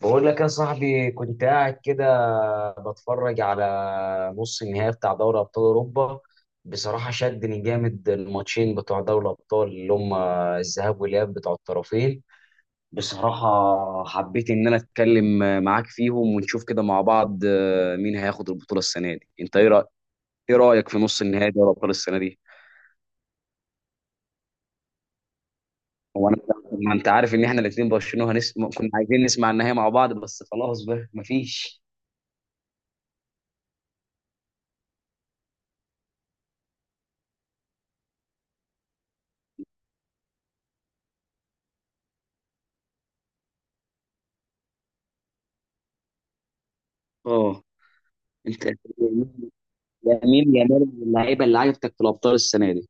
بقول لك يا صاحبي كنت قاعد كده بتفرج على نص النهائي بتاع دوري ابطال اوروبا. بصراحه شدني جامد الماتشين بتوع دوري الابطال اللي هم الذهاب والاياب بتوع الطرفين. بصراحه حبيت ان انا اتكلم معاك فيهم ونشوف كده مع بعض، مين هياخد البطوله السنه دي؟ انت ايه رايك؟ ايه رايك في نص النهائي دوري الابطال السنه دي؟ هو انا، ما انت عارف ان احنا الاثنين برشلونه، كنا عايزين نسمع النهائي مع بعض، بس خلاص بقى مفيش. اه، انت لامين يامال من اللعيبه اللي عجبتك في الابطال السنه دي؟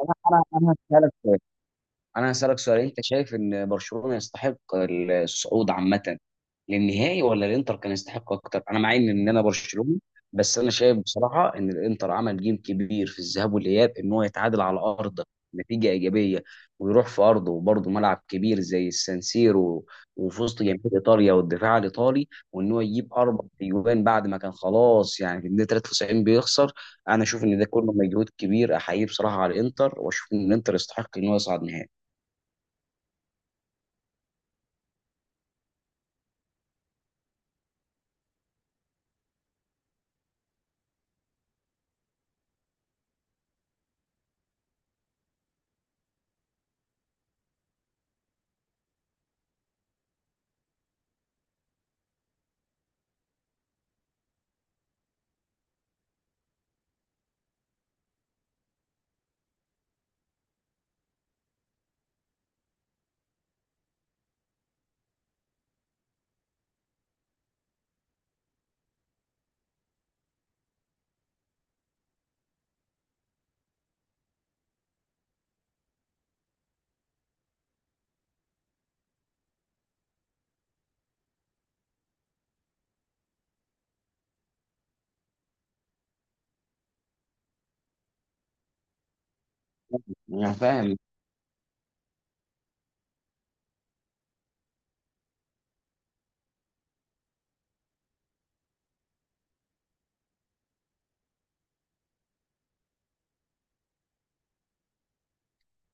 انا انا أنا هسألك سؤال. انت شايف ان برشلونة يستحق الصعود عامة للنهائي، ولا الانتر كان يستحق اكتر؟ انا مع ان انا برشلوني، بس انا شايف بصراحة ان الانتر عمل جيم كبير في الذهاب والاياب، ان هو يتعادل على ارضه، نتيجة ايجابية، ويروح في ارضه، وبرضه ملعب كبير زي السانسيرو وفي وسط جماهير ايطاليا والدفاع الايطالي، وان هو يجيب اربع اجوان بعد ما كان خلاص، يعني في الدقيقة 93 بيخسر. انا اشوف ان ده كله مجهود كبير احييه بصراحة على الانتر، واشوف ان الانتر يستحق ان هو يصعد نهائي. انا فاهم.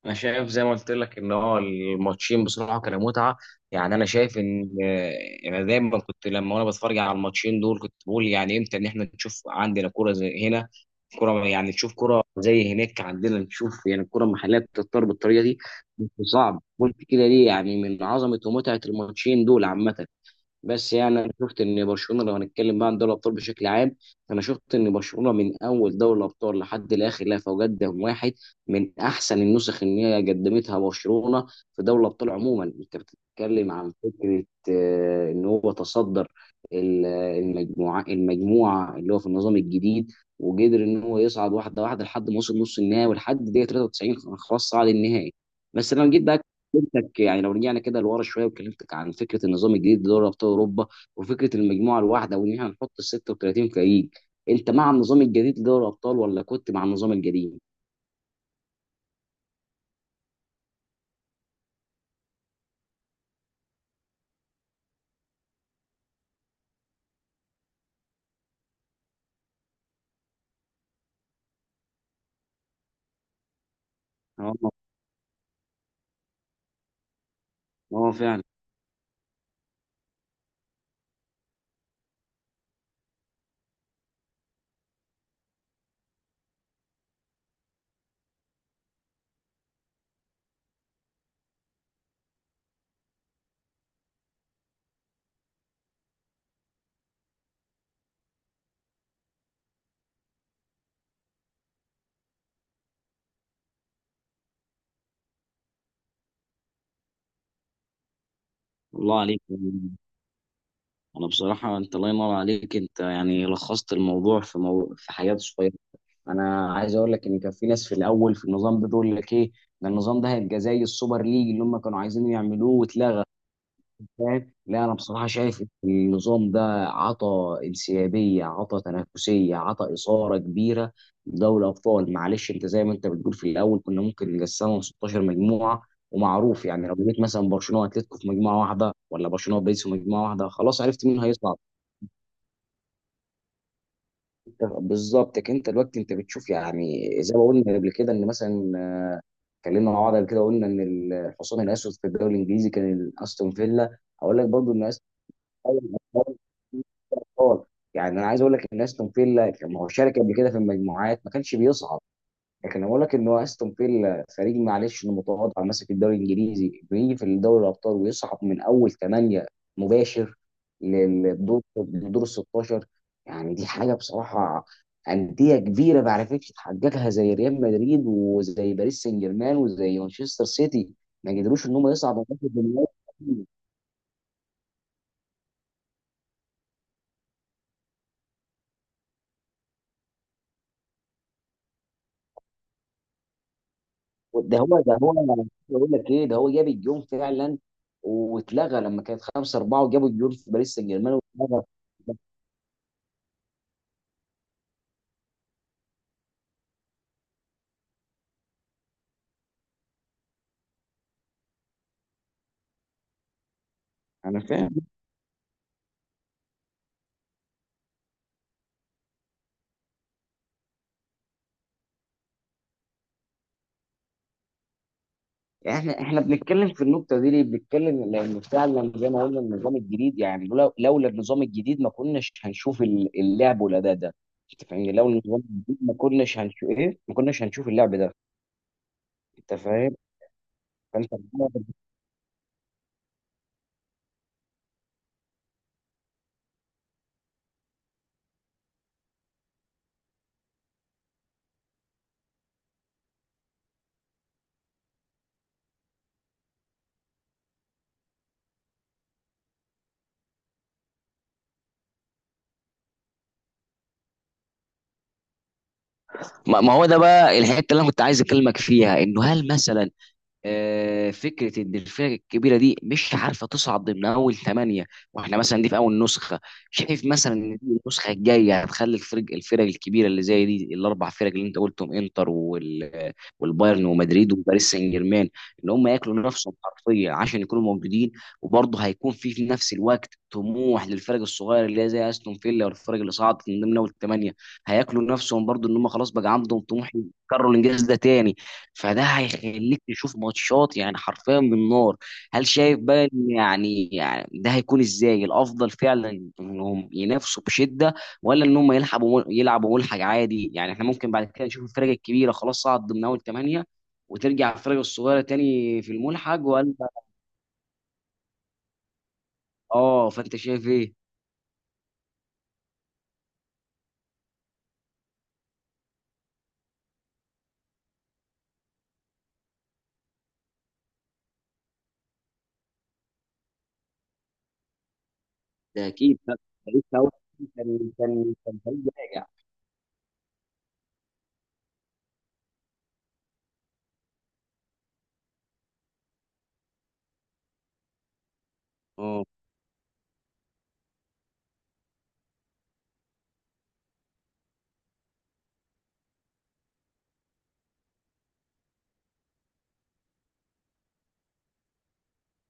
انا شايف زي ما قلت لك ان هو الماتشين بصراحه كانوا متعه. يعني انا شايف ان، انا دايما كنت لما وانا بتفرج على الماتشين دول كنت بقول، يعني امتى ان احنا نشوف عندنا كوره زي هنا، كوره، يعني نشوف كوره زي هناك عندنا، نشوف يعني الكوره المحليه بتضطر بالطريقه دي. بس صعب، قلت كده ليه؟ يعني من عظمه ومتعه الماتشين دول عامه. بس يعني انا شفت ان برشلونه، لو هنتكلم بقى عن دوري الابطال بشكل عام، انا شفت ان برشلونه من اول دوري الابطال لحد الاخر لها فوجات دم واحد، من احسن النسخ ان هي قدمتها برشلونه في دوري الابطال عموما. انت بتتكلم عن فكره، ان هو تصدر المجموعه اللي هو في النظام الجديد، وقدر ان هو يصعد واحده واحده لحد ما وصل نص النهائي، ولحد دقيقه 93 خلاص صعد النهائي. بس لما جيت بقى كلمتك، يعني لو رجعنا كده لورا شويه وكلمتك عن فكره النظام الجديد لدوري ابطال اوروبا وفكره المجموعه الواحده وان احنا نحط ال 36 فريق، انت مع النظام الجديد لدوري الابطال ولا كنت مع النظام القديم؟ اه. اه فعلا. الله عليك. انا بصراحه انت الله ينور عليك، انت يعني لخصت الموضوع في في حياه صغيره. انا عايز اقول لك ان كان في ناس في الاول في النظام ده تقول لك ايه، ده النظام ده هيبقى زي السوبر ليج اللي هم كانوا عايزين يعملوه واتلغى. فاهم؟ لا انا بصراحه شايف ان النظام ده عطى انسيابيه، عطى تنافسيه، عطى اثاره كبيره لدوري ابطال. معلش انت زي ما انت بتقول، في الاول كنا ممكن نقسمهم 16 مجموعه، ومعروف يعني لو جيت مثلا برشلونه واتلتيكو في مجموعه واحده، ولا برشلونه وباريس في مجموعه واحده، خلاص عرفت مين هيصعد. بالظبط. لكن انت دلوقتي انت بتشوف، يعني زي ما قلنا قبل كده، ان مثلا، اتكلمنا مع بعض قبل كده، قلنا ان الحصان الاسود في الدوري الانجليزي كان استون فيلا. اقول لك برضو ان استون فيلا خالص، يعني انا عايز اقول لك ان استون فيلا ما هو شارك قبل كده في المجموعات ما كانش بيصعد، لكن أنا بقول لك ان هو استون فيلا فريق معلش انه متواضع، ماسك الدوري الانجليزي، بيجي في دوري الابطال ويصعد من اول ثمانيه مباشر للدور، لدور ال 16. يعني دي حاجه بصراحه، انديه كبيره ما عرفتش تحققها زي ريال مدريد وزي باريس سان جيرمان وزي مانشستر سيتي، ما قدروش ان هم يصعدوا. من. ده هو، ده هو، بقول لك ايه، ده هو جاب الجون فعلا واتلغى لما كانت 5-4، وجابوا الجون في باريس سان جيرمان واتلغى. انا فاهم. احنا بنتكلم في النقطه دي ليه؟ بنتكلم لان فعلا زي ما قلنا النظام الجديد، يعني لولا النظام الجديد ما كناش هنشوف اللعب والاداء ده. انت فاهمني؟ لولا النظام الجديد ما كناش هنشوف ايه، ما كناش هنشوف اللعب ده. انت فاهم؟ فانت ما، ما هو ده بقى الحته اللي انا كنت عايز اكلمك فيها، انه هل مثلا، فكره ان الفرق الكبيره دي مش عارفه تصعد ضمن اول ثمانيه، واحنا مثلا دي في اول نسخه. شايف مثلا ان دي النسخه الجايه هتخلي الفرق الكبيره اللي زي دي، الاربع فرق اللي انت قلتهم، انتر وال والبايرن ومدريد وباريس سان جيرمان، ان هم ياكلوا نفسهم حرفيا عشان يكونوا موجودين. وبرضه هيكون في نفس الوقت طموح للفرق الصغيره اللي هي زي استون فيلا، والفرق اللي صعدت من ضمن اول ثمانيه هياكلوا نفسهم برضه، ان هم خلاص بقى عندهم طموح يكرروا الانجاز ده تاني. فده هيخليك تشوف ماتشات يعني حرفيا من نار. هل شايف بقى إن يعني، ده هيكون ازاي؟ الافضل فعلا انهم ينافسوا بشده، ولا ان هم يلعبوا، ملحق عادي؟ يعني احنا ممكن بعد كده نشوف الفرق الكبيره خلاص صعد ضمن اول ثمانيه، وترجع الفرق الصغيره تاني في الملحق، ولا؟ اه، فانت شايف ايه؟ ده اكيد ده. لسه أول- كان فريق راجع. اه،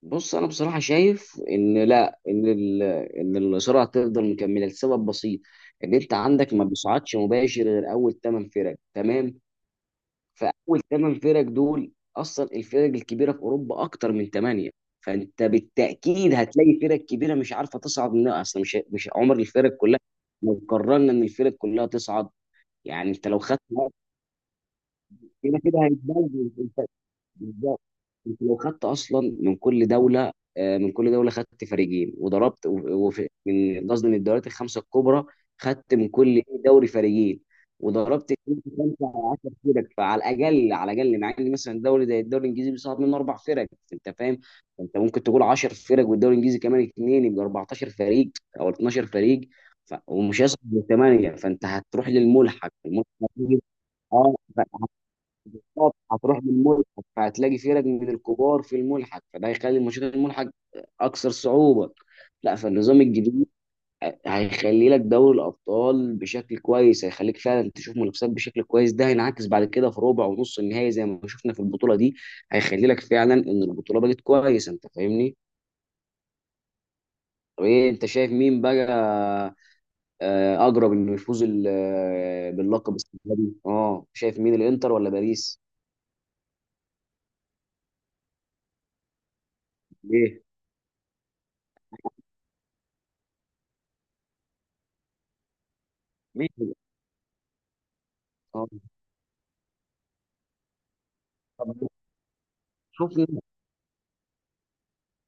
بص انا بصراحه شايف ان، لا، ان ان الصراع تفضل مكمله لسبب بسيط، ان انت عندك ما بيصعدش مباشر غير اول ثمان فرق، تمام؟ فاول ثمان فرق دول اصلا الفرق الكبيره في اوروبا اكتر من ثمانيه، فانت بالتاكيد هتلاقي فرق كبيره مش عارفه تصعد منها اصلا، مش عمر الفرق كلها لو قررنا ان الفرق كلها تصعد. يعني انت لو خدت مرة، كده كده هيتبوظ. انت انت لو خدت اصلا من كل دوله، من كل دوله خدت فريقين، وضربت وفي، من، قصدي من الدوريات الخمسه الكبرى، خدت من كل دوري فريقين، وضربت اتنين في خمسه على 10 فرق، فعلى الاقل، على الاقل، مع ان مثلا الدوري زي الدوري الانجليزي بيصعب منه اربع فرق. انت فاهم. انت ممكن تقول 10 فرق والدوري الانجليزي كمان اثنين يبقى 14 فريق، او 12 فريق، ومش هيصعد من ثمانيه، فانت هتروح للملحق، هيجي- اه، بالظبط، هتروح بالملحق. فهتلاقي فرق من الكبار في الملحق، فده هيخلي ماتشات الملحق اكثر صعوبه. لا، فالنظام الجديد هيخلي لك دوري الابطال بشكل كويس، هيخليك فعلا تشوف منافسات بشكل كويس، ده هينعكس بعد كده في ربع ونص النهائي زي ما شفنا في البطوله دي. هيخلي لك فعلا ان البطوله بقت كويسه. انت فاهمني؟ طب ايه، انت شايف مين بقى، اقرب انه يفوز باللقب السنه دي؟ اه، شايف مين، الانتر ولا باريس؟ ليه؟ مين؟ اه، طب شوف،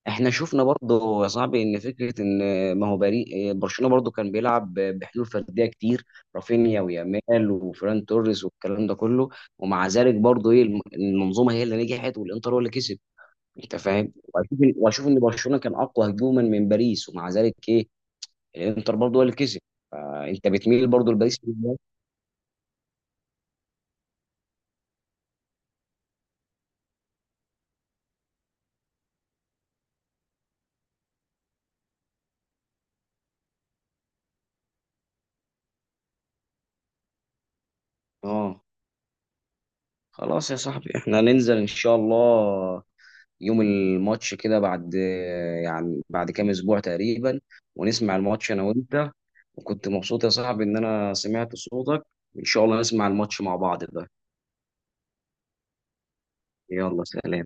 احنا شفنا برضه يا صاحبي ان فكره ان ما هو بري برشلونه برضه كان بيلعب بحلول فرديه كتير، رافينيا ويامال وفران توريس والكلام ده كله، ومع ذلك برضه ايه، المنظومه هي اللي نجحت والانتر هو اللي كسب. انت فاهم؟ واشوف ان برشلونه كان اقوى هجوما من باريس، ومع ذلك ايه، الانتر برضه هو اللي كسب. فانت بتميل برضه لباريس في النهاية. اه، خلاص يا صاحبي، احنا ننزل ان شاء الله يوم الماتش كده، بعد كام اسبوع تقريبا، ونسمع الماتش انا وانت. وكنت مبسوط يا صاحبي ان انا سمعت صوتك. ان شاء الله نسمع الماتش مع بعض بقى. يلا، سلام.